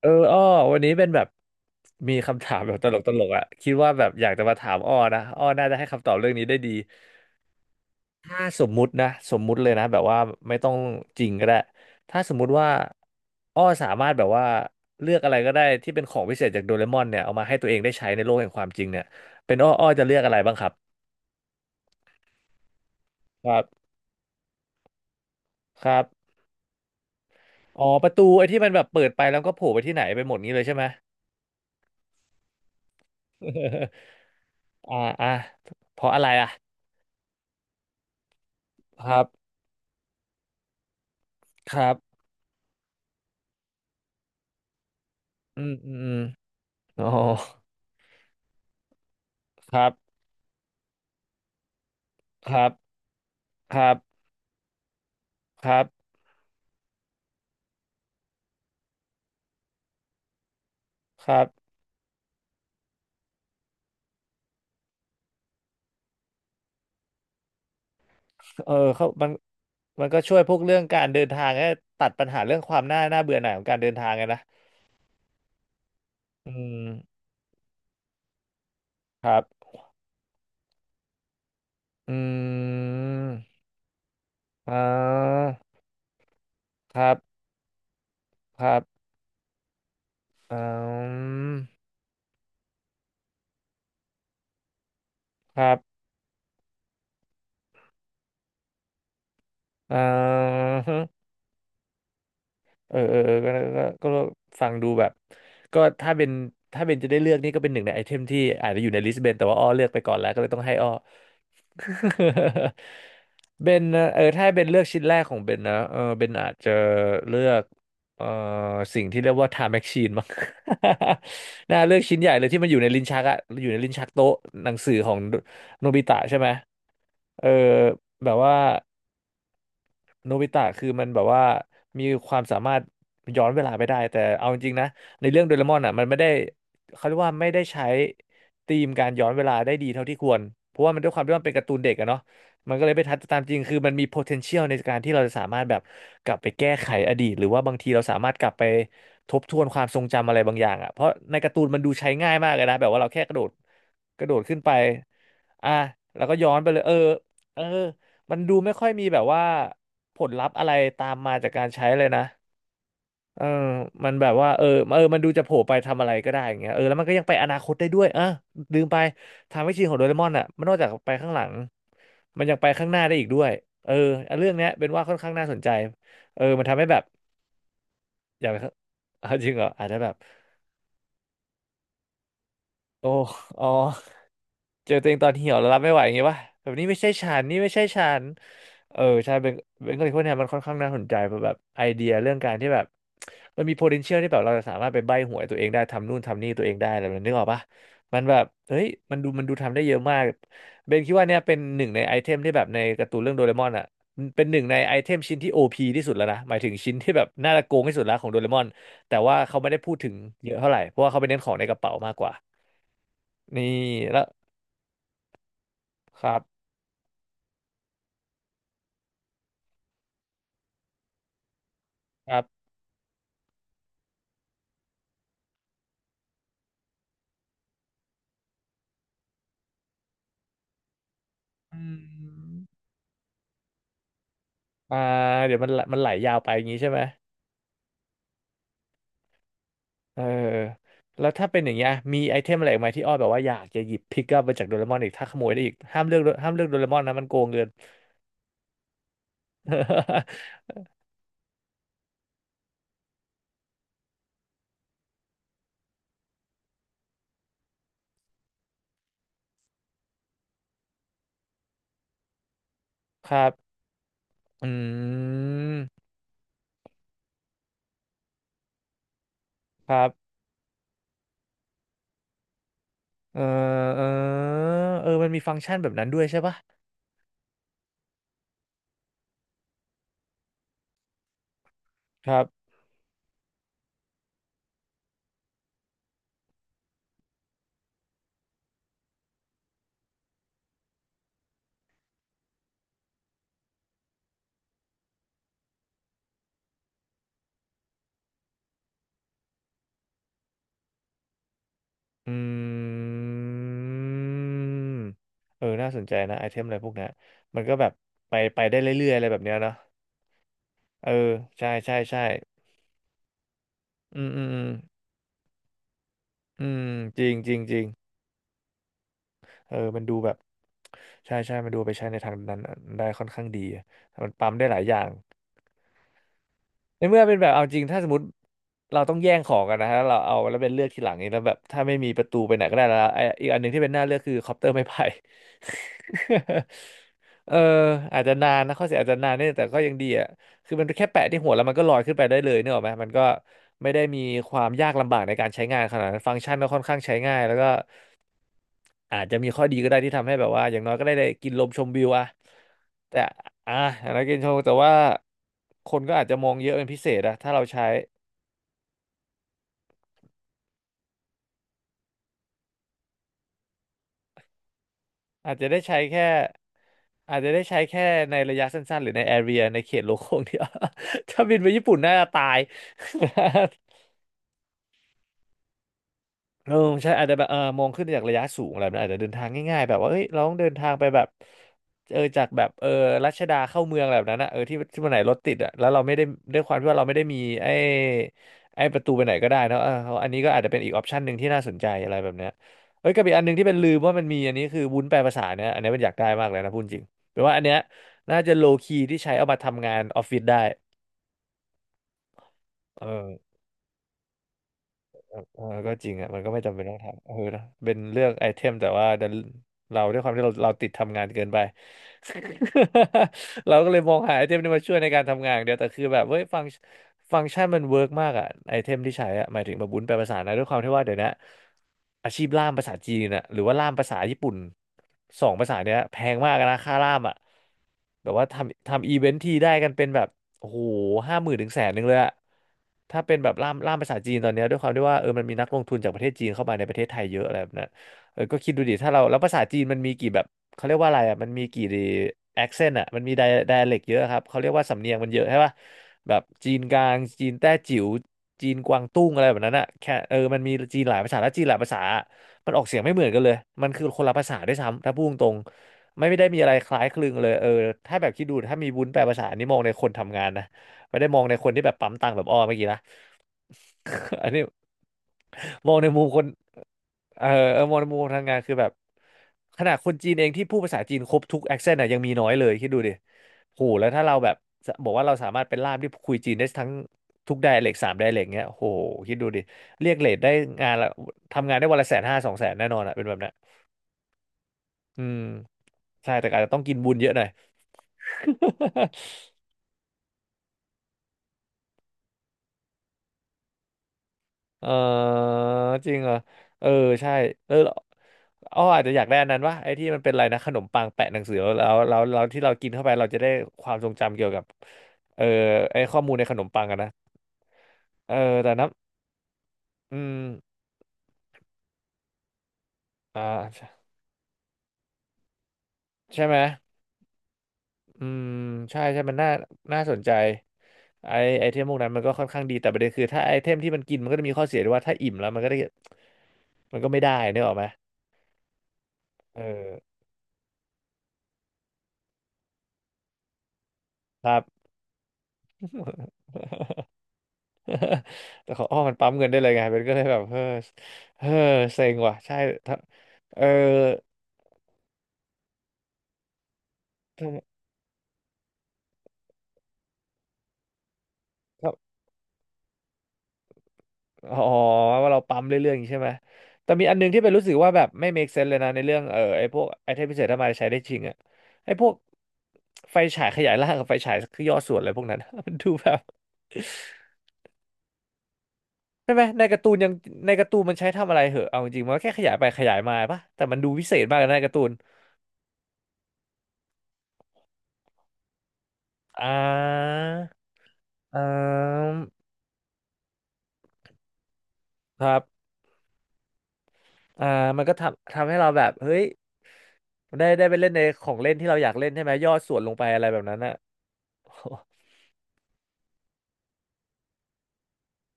อ้อวันนี้เป็นแบบมีคำถามแบบตลกๆอ่ะคิดว่าแบบอยากจะมาถามอ้อนะอ้อน่าจะให้คำตอบเรื่องนี้ได้ดีถ้าสมมุตินะสมมุติเลยนะแบบว่าไม่ต้องจริงก็ได้ถ้าสมมุติว่าอ้อสามารถแบบว่าเลือกอะไรก็ได้ที่เป็นของพิเศษจากโดเรมอนเนี่ยเอามาให้ตัวเองได้ใช้ในโลกแห่งความจริงเนี่ยเป็นอ้อจะเลือกอะไรบ้างครับครับครับอ๋อประตูไอ้ที่มันแบบเปิดไปแล้วก็โผล่ไปที่ไหนไปหมดนี้เลยใช่ไหม อ่าอ่าเพราะอะไรอ่ะครับครับอืมอืม อ๋อครับครับครับครับครับเออเขามันก็ช่วยพวกเรื่องการเดินทางให้ตัดปัญหาเรื่องความน่าเบื่อหน่ายของการเดินทางไงนะอืมครับอืมอ่าครับครับอืมครับอ่า เออเออเออก็ฟังดูแบบก็ถ้าเป็นถ้าเป็นจะได้เลือกนี่ก็เป็นหนึ่งในไอเทมที่อาจจะอยู่ในลิสต์เบนแต่ว่าอ้อเลือกไปก่อนแล้วก็เลยต้องให้อ้อ เบนนะเออถ้าให้เบนเลือกชิ้นแรกของเบนนะเออเบนอาจจะเลือกเออสิ่งที่เรียกว่าไทม์แมชชีนมั้ง น่าเลือกชิ้นใหญ่เลยที่มันอยู่ในลิ้นชักอะอยู่ในลิ้นชักโต๊ะหนังสือของโนบิตะใช่ไหมเออแบบว่า โนบิตะคือมันแบบว่ามีความสามารถย้อนเวลาไปได้แต่เอาจริงๆนะในเรื่องโดเรมอนอ่ะมันไม่ได้เขาเรียกว่าไม่ได้ใช้ธีมการย้อนเวลาได้ดีเท่าที่ควรเพราะว่ามันด้วยความที่มันเป็นการ์ตูนเด็กอะเนาะมันก็เลยไม่ทันตามจริงคือมันมี potential ในการที่เราจะสามารถแบบกลับไปแก้ไขอดีตหรือว่าบางทีเราสามารถกลับไปทบทวนความทรงจำอะไรบางอย่างอ่ะเพราะในการ์ตูนมันดูใช้ง่ายมากเลยนะแบบว่าเราแค่กระโดดขึ้นไปอ่ะแล้วก็ย้อนไปเลยเออเออมันดูไม่ค่อยมีแบบว่า ผลลัพธ์อะไรตามมาจากการใช้เลยนะเออมันแบบว่าเออเออมันดูจะโผล่ไปทำอะไรก็ได้อย่างเงี้ยเออแล้วมันก็ยังไปอนาคตได้ด้วยอ่ะลืมไปทางไม่ชินของโดเรมอนอ่ะมันนอกจากไปข้างหลังมันยังไปข้างหน้าได้อีกด้วยเออเรื่องเนี้ยเป็นว่าค่อนข้างน่าสนใจเออมันทำให้แบบอยากไปข้าง อ่ะจริงเหรออาจจะแบบ โอ้อ๋อเจอตัวเองตอนเหี่ยวแล้วรับไม่ไหวอย่างงี้ป่ะแบบนี้ไม่ใช่ฉันนี่ไม่ใช่ฉันเออใช่เบนเบนก็เลยพวกเนี้ยมันค่อนข้างน่าสนใจเพราะแบบไอเดียเรื่องการที่แบบมันมี potential ที่แบบเราจะสามารถไปใบ้หวยตัวเองได้ทำนู่นทำนี่ตัวเองได้อะไรแบบนั้นนึกออกป่ะมันแบบเฮ้ยมันดูทำได้เยอะมากเบนคิดว่าเนี่ยเป็นหนึ่งในไอเทมที่แบบในการ์ตูนเรื่องโดเรมอนอ่ะเป็นหนึ่งในไอเทมชิ้นที่ OP ที่สุดแล้วนะหมายถึงชิ้นที่แบบน่าจะโกงที่สุดแล้วของโดเรมอนแต่ว่าเขาไม่ได้พูดถึงเยอะเท่าไหร่เพราะว่าเขาไปเน้นของในกระเป๋ามากกว่า นี่แล้วครับครับอืมอ่าเดี๋ยวมันไหลยาวไปอย่างนี้ใช่ไหมเออแล้วถ้าเป็นอย่างเงี้ยมีไอเทมอะไรอีกไหมที่อ้อยแบบว่าอยากจะหยิบพิกอัพมาจากโดเรมอนอีกถ้าขโมยได้อีกห้ามเลือกโดเรมอนนะมันโกงเงิน ครับอืมครับเออเออเออมันมีฟังก์ชันแบบนั้นด้วยใช่ปะครับอืมเออน่าสนใจนะไอเทมอะไรพวกเนี้ยมันก็แบบไปได้เรื่อยๆ อะไรแบบเนี้ยเนาะ เออใช่ใช่ใช่อืมอืมจริงจริงจริงเออมันดูแบบใช่ใช่มันดูไปใช้ในทางนั้นได้ค่อนข้างดีอะมันปั๊มได้หลายอย่าง ในเมื่อเป็นแบบเอาจริงถ้าสมมติเราต้องแย่งของกันนะฮะเราเอาแล้วเป็นเลือกทีหลังนี่แล้วแบบถ้าไม่มีประตูไปไหนก็ได้แล้วไออีกอันหนึ่งที่เป็นหน้าเลือกคือคอปเตอร์ไม้ไผ่ เอออาจจะนานนะข้อเสียอาจจะนานเนี่ยแต่ก็ยังดีอ่ะคือมันแค่แปะที่หัวแล้วมันก็ลอยขึ้นไปได้เลยเนี่ยหรอกไหมมันก็ไม่ได้มีความยากลำบากในการใช้งานขนาดนั้นฟังก์ชันก็ค่อนข้างใช้ง่ายแล้วก็ อาจจะมีข้อดีก็ได้ที่ทำให้แบบว่าอย่างน้อยก็ได้ได้กินลมชมวิวอะแต่อ่ะอย่างน้อยกินชมแต่ว่าคนก็อาจจะมองเยอะเป็นพิเศษอะถ้าเราใช้อาจจะได้ใช้แค่อาจจะได้ใช้แค่ในระยะสั้นๆหรือในแอเรียในเขตโลโก้ อ่งเดียว ถ้าบินไปญี่ปุ่นน่าจะตาย เออใช่อาจจะแบบมองขึ้นจากระยะสูงอะไรแบบนั้นอาจจะเดินทางง่ายๆแบบว่าเอ้ยเราต้องเดินทางไปแบบจากแบบรัชดาเข้าเมืองอะไรแบบนั้นอะเออที่วันไหนรถติดอะแล้วเราไม่ได้ด้วยความที่ว่าเราไม่ได้มีไอ้ไอ้ประตูไปไหนก็ได้เนอะเอออันนี้ก็อาจจะเป็นอีกออปชันหนึ่งที่น่าสนใจอะไรแบบเนี้ยเอ้ยกับอีกอันหนึ่งที่เป็นลืมว่ามันมีอันนี้คือวุ้นแปลภาษาเนี่ยอันนี้มันอยากได้มากเลยนะพูดจริงแปลว่าอันเนี้ยน่าจะโลคีที่ใช้เอามาทำงานออฟฟิศได้เออ เออก็จริงอ่ะมันก็ไม่จำเป็นต้องทำเออนะเป็นเลือกไอเทมแต่ว่าดันเราด้วยความที่เราติดทำงานเกินไป เราก็เลยมองหาไอเทมที่มาช่วยในการทำงานอย่างเดียวแต่คือแบบเฮ้ยฟังก์ชันมันเวิร์กมากอ่ะไอเทมที่ใช้อ่ะหมายถึงแบบบุญแปลภาษานะด้วยความที่ว่าเดี๋ยวนี้อาชีพล่ามภาษาจีนน่ะหรือว่าล่ามภาษาญี่ปุ่น2 ภาษาเนี้ยแพงมากนะค่าล่ามอ่ะแบบว่าทำอีเวนท์ทีได้กันเป็นแบบ โอ้โห50,000 ถึง 100,000เลยอะถ้าเป็นแบบล่ามภาษาจีนตอนเนี้ยด้วยความที่ว่าเออมันมีนักลงทุนจากประเทศจีนเข้ามาในประเทศไทยเยอะอะไรแบบนั้นเออก็คิดดูดิถ้าเราแล้วภาษาจีนมันมีกี่แบบเขาเรียกว่าอะไรอะมันมีกี่แอคเซนต์อะมันมีไดเล็กเยอะครับเขาเรียกว่าสำเนียงมันเยอะใช่ป่ะแบบจีนกลางจีนแต้จิ๋วจีนกวางตุ้งอะไรแบบนั้นอะแค่เออมันมีจีนหลายภาษาและจีนหลายภาษามันออกเสียงไม่เหมือนกันเลยมันคือคนละภาษาด้วยซ้ำถ้าพูดตรง ไม่ได้มีอะไรคล้ายคลึงเลยเออถ้าแบบคิดดูถ้ามีวุ้นแปลภาษาอันนี้มองในคนทำงานนะไม่ได้มองในคนที่แบบปั๊มตังค์แบบอ้อเมื่อกี้นะ อันนี้มองในมุมคนเออเออมองในมุมคนทำงานคือแบบขนาดคนจีนเองที่พูดภาษาจีนครบทุกแอคเซนต์อ่ะยังมีน้อยเลยคิดดูดิโหแล้วถ้าเราแบบบอกว่าเราสามารถเป็นล่ามที่คุยจีนได้ทั้งทุกไดอะเล็ก3 ไดอะเล็กเงี้ยโหคิดดูดิเรียกเรทได้งานละทำงานได้วันละ 150,000 200,000แน่นอนอ่ะเป็นแบบนั้นอืมใช่แต่อาจจะต้องกินบุญเยอะหน่อย เออจริงเหรอเออใช่เอออาจจะอยากได้อันนั้นวะไอ้ที่มันเป็นอะไรนะขนมปังแปะหนังสือแล้วที่เรากินเข้าไปเราจะได้ความทรงจำเกี่ยวกับเออไอ้ข้อมูลในขนมปังอะนะเออแต่น้ำอืมอ่าใช่ใช่ไหมอืมใช่ใช่มันน่าน่าสนใจไอไอเทมพวกนั้นมันก็ค่อนข้างดีแต่ประเด็นคือถ้าไอเทมที่มันกินมันก็จะมีข้อเสียด้วยว่าถ้าอิ่มแล้วมันก็ได้มันก็ไม่ได้นึกออกไหมเออครับ แต่ของอ้อมันปั๊มเงินได้เลยไงเป็นก็เลยแบบเออเออเซ็งว่ะใช่ถ้าเออถ้าถ้าอ๋อว่าเราปั๊มเรื่อยๆอย่างนี้ใช่ไหมแต่มีอันนึงที่เป็นรู้สึกว่าแบบไม่ make sense เลยนะในเรื่องเออไอ้พวกไอเทมพิเศษถ้ามาใช้ได้จริงอะไอ้พวกไฟฉายขยายร่างกับไฟฉายคือย่อส่วนอะไรพวกนั้น มันดูแบบใช่ไหมในการ์ตูนยังในการ์ตูนมันใช้ทำอะไรเหอะเอาจริงๆมันก็แค่ขยายไปขยายมาปะแต่มันดูวิเศษมากเลยนะในการ์ตูนอ่าอ่าครับ อ่ามันก็ทำให้เราแบบเฮ้ยได้ไปเล่นในของเล่นที่เราอยากเล่นใช่ไหมย่อส่วนลงไปอะไรแบบนั้นอะ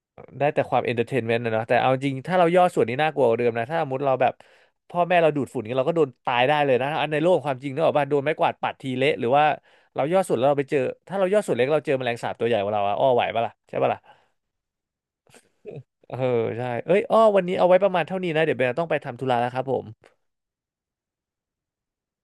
ได้แต่ความเอนเตอร์เทนเมนต์นะเนาะแต่เอาจริงถ้าเราย่อส่วนนี้น่ากลัวกว่าเดิมนะถ้าสมมติเราแบบพ่อแม่เราดูดฝุ่นนี้ยเราก็โดนตายได้เลยนะอันในโลกความจริงเนกอะว่าโดนไม้กวาดปัดทีเละหรือว่าเราย่อส่วนแล้วเราไปเจอถ้าเราย่อส่วนเล็กเราเจอแมลงสาบตัวใหญ่กว่าเราอะอ้อไหวปะล่ะใช่ปะล่ะเออใช่เอ้ยอ้อวันนี้เอาไว้ประมาณเท่านี้นะเดี๋ยวเบนต้องไปทำธุระแล้วครับผม